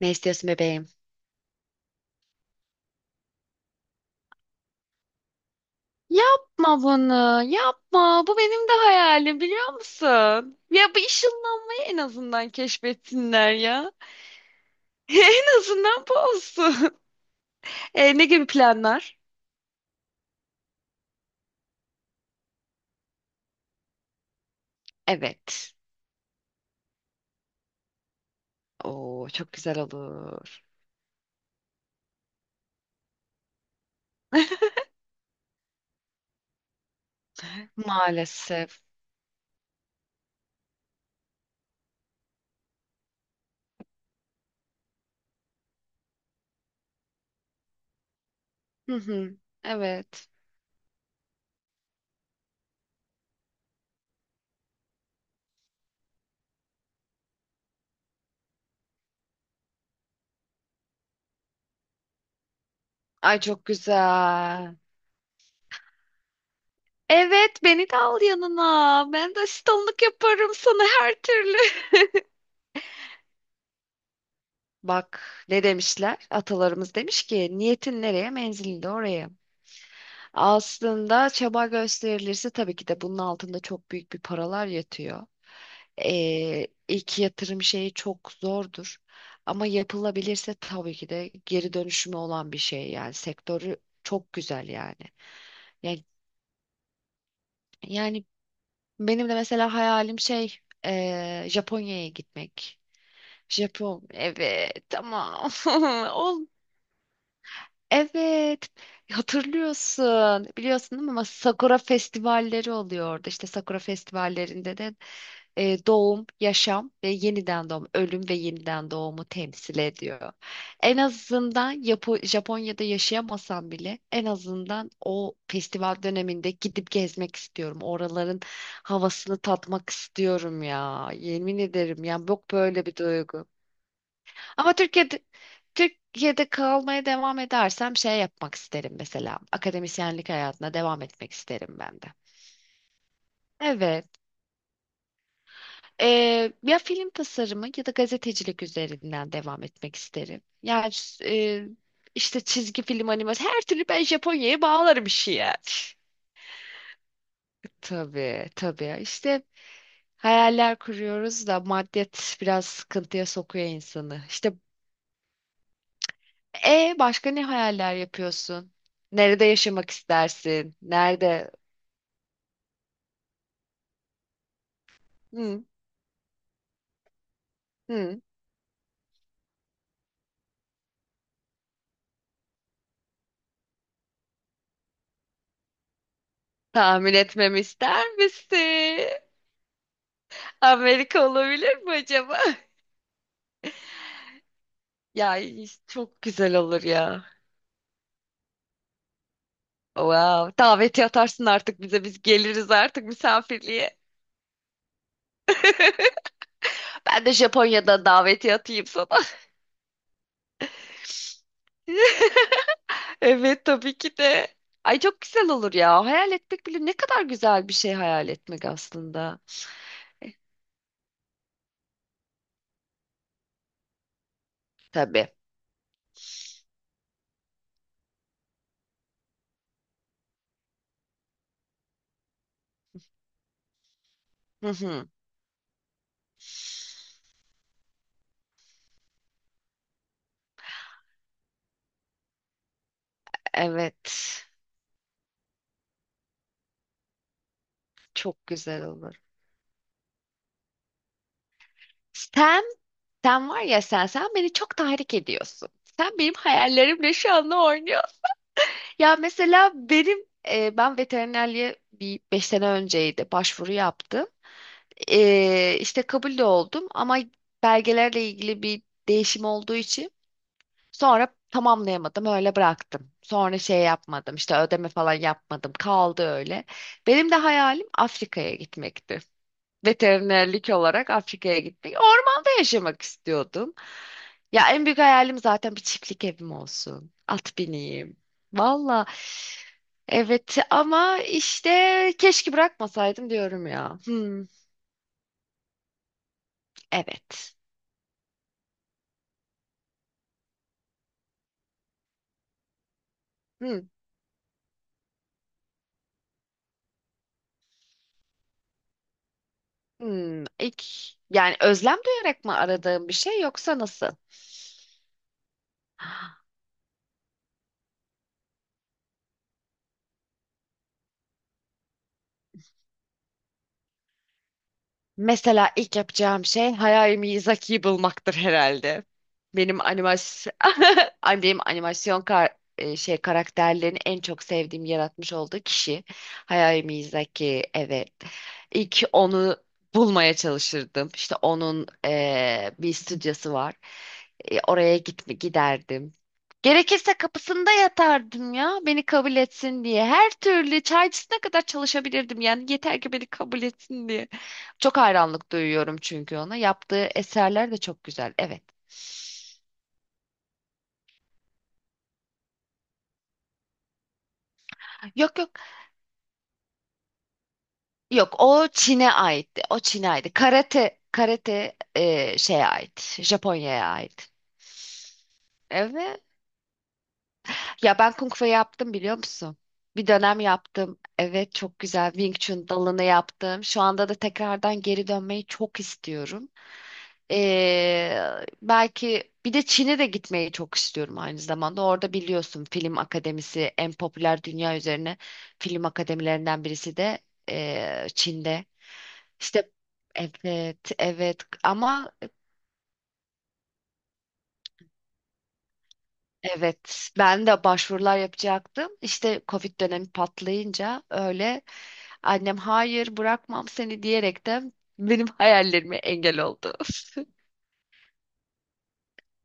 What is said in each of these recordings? Ne istiyorsun bebeğim? Yapma bunu, yapma. Bu benim de hayalim biliyor musun? Ya bu ışınlanmayı en azından keşfetsinler ya. En azından bu olsun. Ne gibi planlar? Evet. Oo, çok güzel olur. Maalesef. Hı hı, evet. Ay çok güzel. Evet, beni de al yanına. Ben de asistanlık yaparım sana her türlü. Bak ne demişler? Atalarımız demiş ki niyetin nereye menzilin de oraya. Aslında çaba gösterilirse tabii ki de bunun altında çok büyük bir paralar yatıyor. İlk yatırım şeyi çok zordur. Ama yapılabilirse tabii ki de geri dönüşümü olan bir şey, yani sektörü çok güzel yani. Yani, yani, benim de mesela hayalim şey Japonya'ya gitmek. Japon evet tamam olmadı. Evet, hatırlıyorsun. Biliyorsun değil mi? Ama Sakura festivalleri oluyor orada. İşte Sakura festivallerinde de doğum, yaşam ve yeniden doğum, ölüm ve yeniden doğumu temsil ediyor. En azından Japonya'da yaşayamasam bile en azından o festival döneminde gidip gezmek istiyorum. Oraların havasını tatmak istiyorum ya. Yemin ederim ya. Yok böyle bir duygu. Ama Türkiye'de kalmaya devam edersem şey yapmak isterim mesela. Akademisyenlik hayatına devam etmek isterim ben de. Evet. Ya film tasarımı ya da gazetecilik üzerinden devam etmek isterim. Yani e, işte çizgi film animasyon her türlü ben Japonya'ya bağlarım işi yani. Tabii tabii, işte hayaller kuruyoruz da maddiyat biraz sıkıntıya sokuyor insanı. İşte E başka ne hayaller yapıyorsun? Nerede yaşamak istersin? Nerede? Hı, hı. Tahmin etmemi ister misin? Amerika olabilir mi acaba? Ya çok güzel olur ya. Wow. Daveti atarsın artık bize. Biz geliriz artık misafirliğe. Ben de Japonya'da daveti atayım sana. Evet tabii ki de. Ay çok güzel olur ya. Hayal etmek bile ne kadar güzel bir şey hayal etmek aslında. Tabii. Evet. Çok güzel olur. Sen, sen, var ya sen, beni çok tahrik ediyorsun. Sen benim hayallerimle şu anda oynuyorsun. Ya mesela benim, ben veterinerliğe bir beş sene önceydi başvuru yaptım. İşte kabul de oldum ama belgelerle ilgili bir değişim olduğu için sonra tamamlayamadım öyle bıraktım. Sonra şey yapmadım işte ödeme falan yapmadım kaldı öyle. Benim de hayalim Afrika'ya gitmekti. Veterinerlik olarak Afrika'ya gitmek. Ormanda yaşamak istiyordum. Ya en büyük hayalim zaten bir çiftlik evim olsun. At bineyim. Valla. Evet ama işte keşke bırakmasaydım diyorum ya. Hmm, evet. Hmm, hmm. İlk, yani özlem duyarak mı aradığım bir şey yoksa nasıl? Mesela ilk yapacağım şey Hayao Miyazaki'yi bulmaktır herhalde. Benim animasyon ay, benim animasyon şey karakterlerini en çok sevdiğim yaratmış olduğu kişi Hayao Miyazaki. Evet. İlk onu bulmaya çalışırdım. İşte onun bir stüdyosu var. Oraya giderdim. Gerekirse kapısında yatardım ya beni kabul etsin diye. Her türlü çaycısına kadar çalışabilirdim yani yeter ki beni kabul etsin diye. Çok hayranlık duyuyorum çünkü ona. Yaptığı eserler de çok güzel. Evet. Yok yok. Yok o Çin'e aitti. O Çin'e aitti. Karate şeye ait. Japonya'ya ait. Evet. Ya ben Kung Fu yaptım biliyor musun? Bir dönem yaptım. Evet çok güzel. Wing Chun dalını yaptım. Şu anda da tekrardan geri dönmeyi çok istiyorum. Belki bir de Çin'e de gitmeyi çok istiyorum aynı zamanda. Orada biliyorsun film akademisi en popüler dünya üzerine film akademilerinden birisi de Çin'de. İşte evet evet ama evet, ben de başvurular yapacaktım. İşte Covid dönemi patlayınca öyle annem hayır bırakmam seni diyerek de benim hayallerime engel oldu.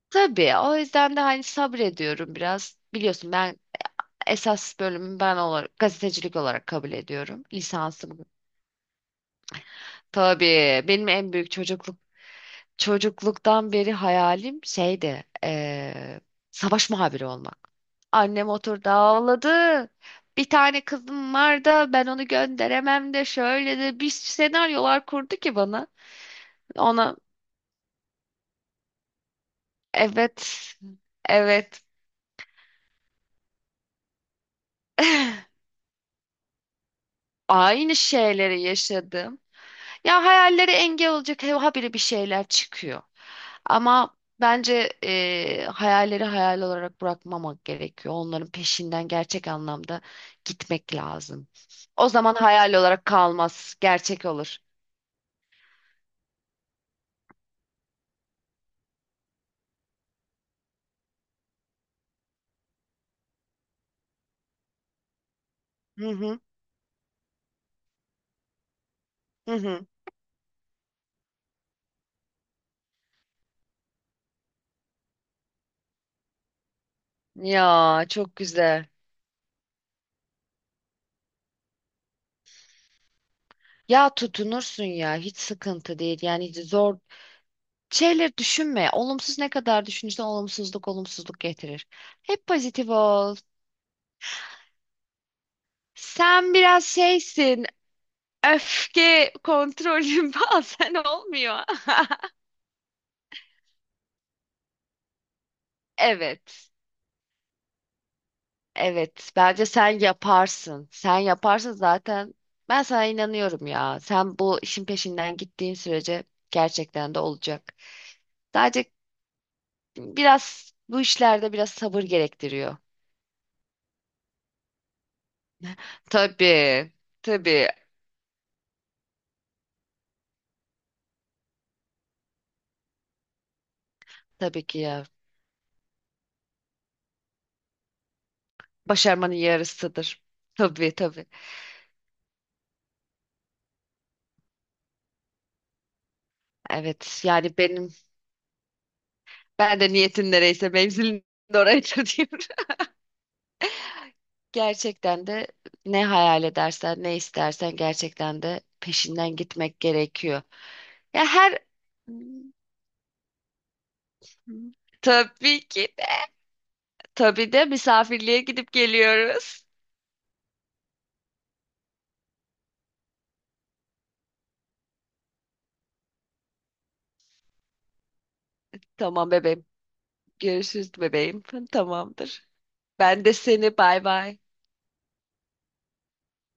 Tabii o yüzden de hani sabrediyorum biraz. Biliyorsun ben esas bölümü ben olarak gazetecilik olarak kabul ediyorum. Lisansım. Tabii benim en büyük çocukluk çocukluktan beri hayalim şeydi, savaş muhabiri olmak. Annem oturdu ağladı. Bir tane kızım var da ben onu gönderemem de şöyle de bir senaryolar kurdu ki bana. Ona evet, evet. Aynı şeyleri yaşadım. Ya hayallere engel olacak habire bir şeyler çıkıyor. Ama bence hayalleri hayal olarak bırakmamak gerekiyor. Onların peşinden gerçek anlamda gitmek lazım. O zaman hayal olarak kalmaz, gerçek olur. Hı hı, hı hı. Ya çok güzel. Ya tutunursun ya, hiç sıkıntı değil. Yani hiç zor şeyler düşünme. Olumsuz ne kadar düşünürsen olumsuzluk getirir. Hep pozitif ol. Sen biraz şeysin. Öfke kontrolü bazen olmuyor. Evet. Evet. Bence sen yaparsın. Sen yaparsın zaten. Ben sana inanıyorum ya. Sen bu işin peşinden gittiğin sürece gerçekten de olacak. Sadece biraz bu işlerde biraz sabır gerektiriyor. Tabii. Tabii. Tabii ki ya. Başarmanın yarısıdır. Tabii tabii. Evet. Yani benim, ben de niyetin nereyse mevzilin de orayıdır diyorum. Gerçekten de ne hayal edersen, ne istersen gerçekten de peşinden gitmek gerekiyor. Ya her tabii ki de, tabii de misafirliğe gidip geliyoruz. Tamam bebeğim. Görüşürüz bebeğim. Tamamdır. Ben de seni bay bay.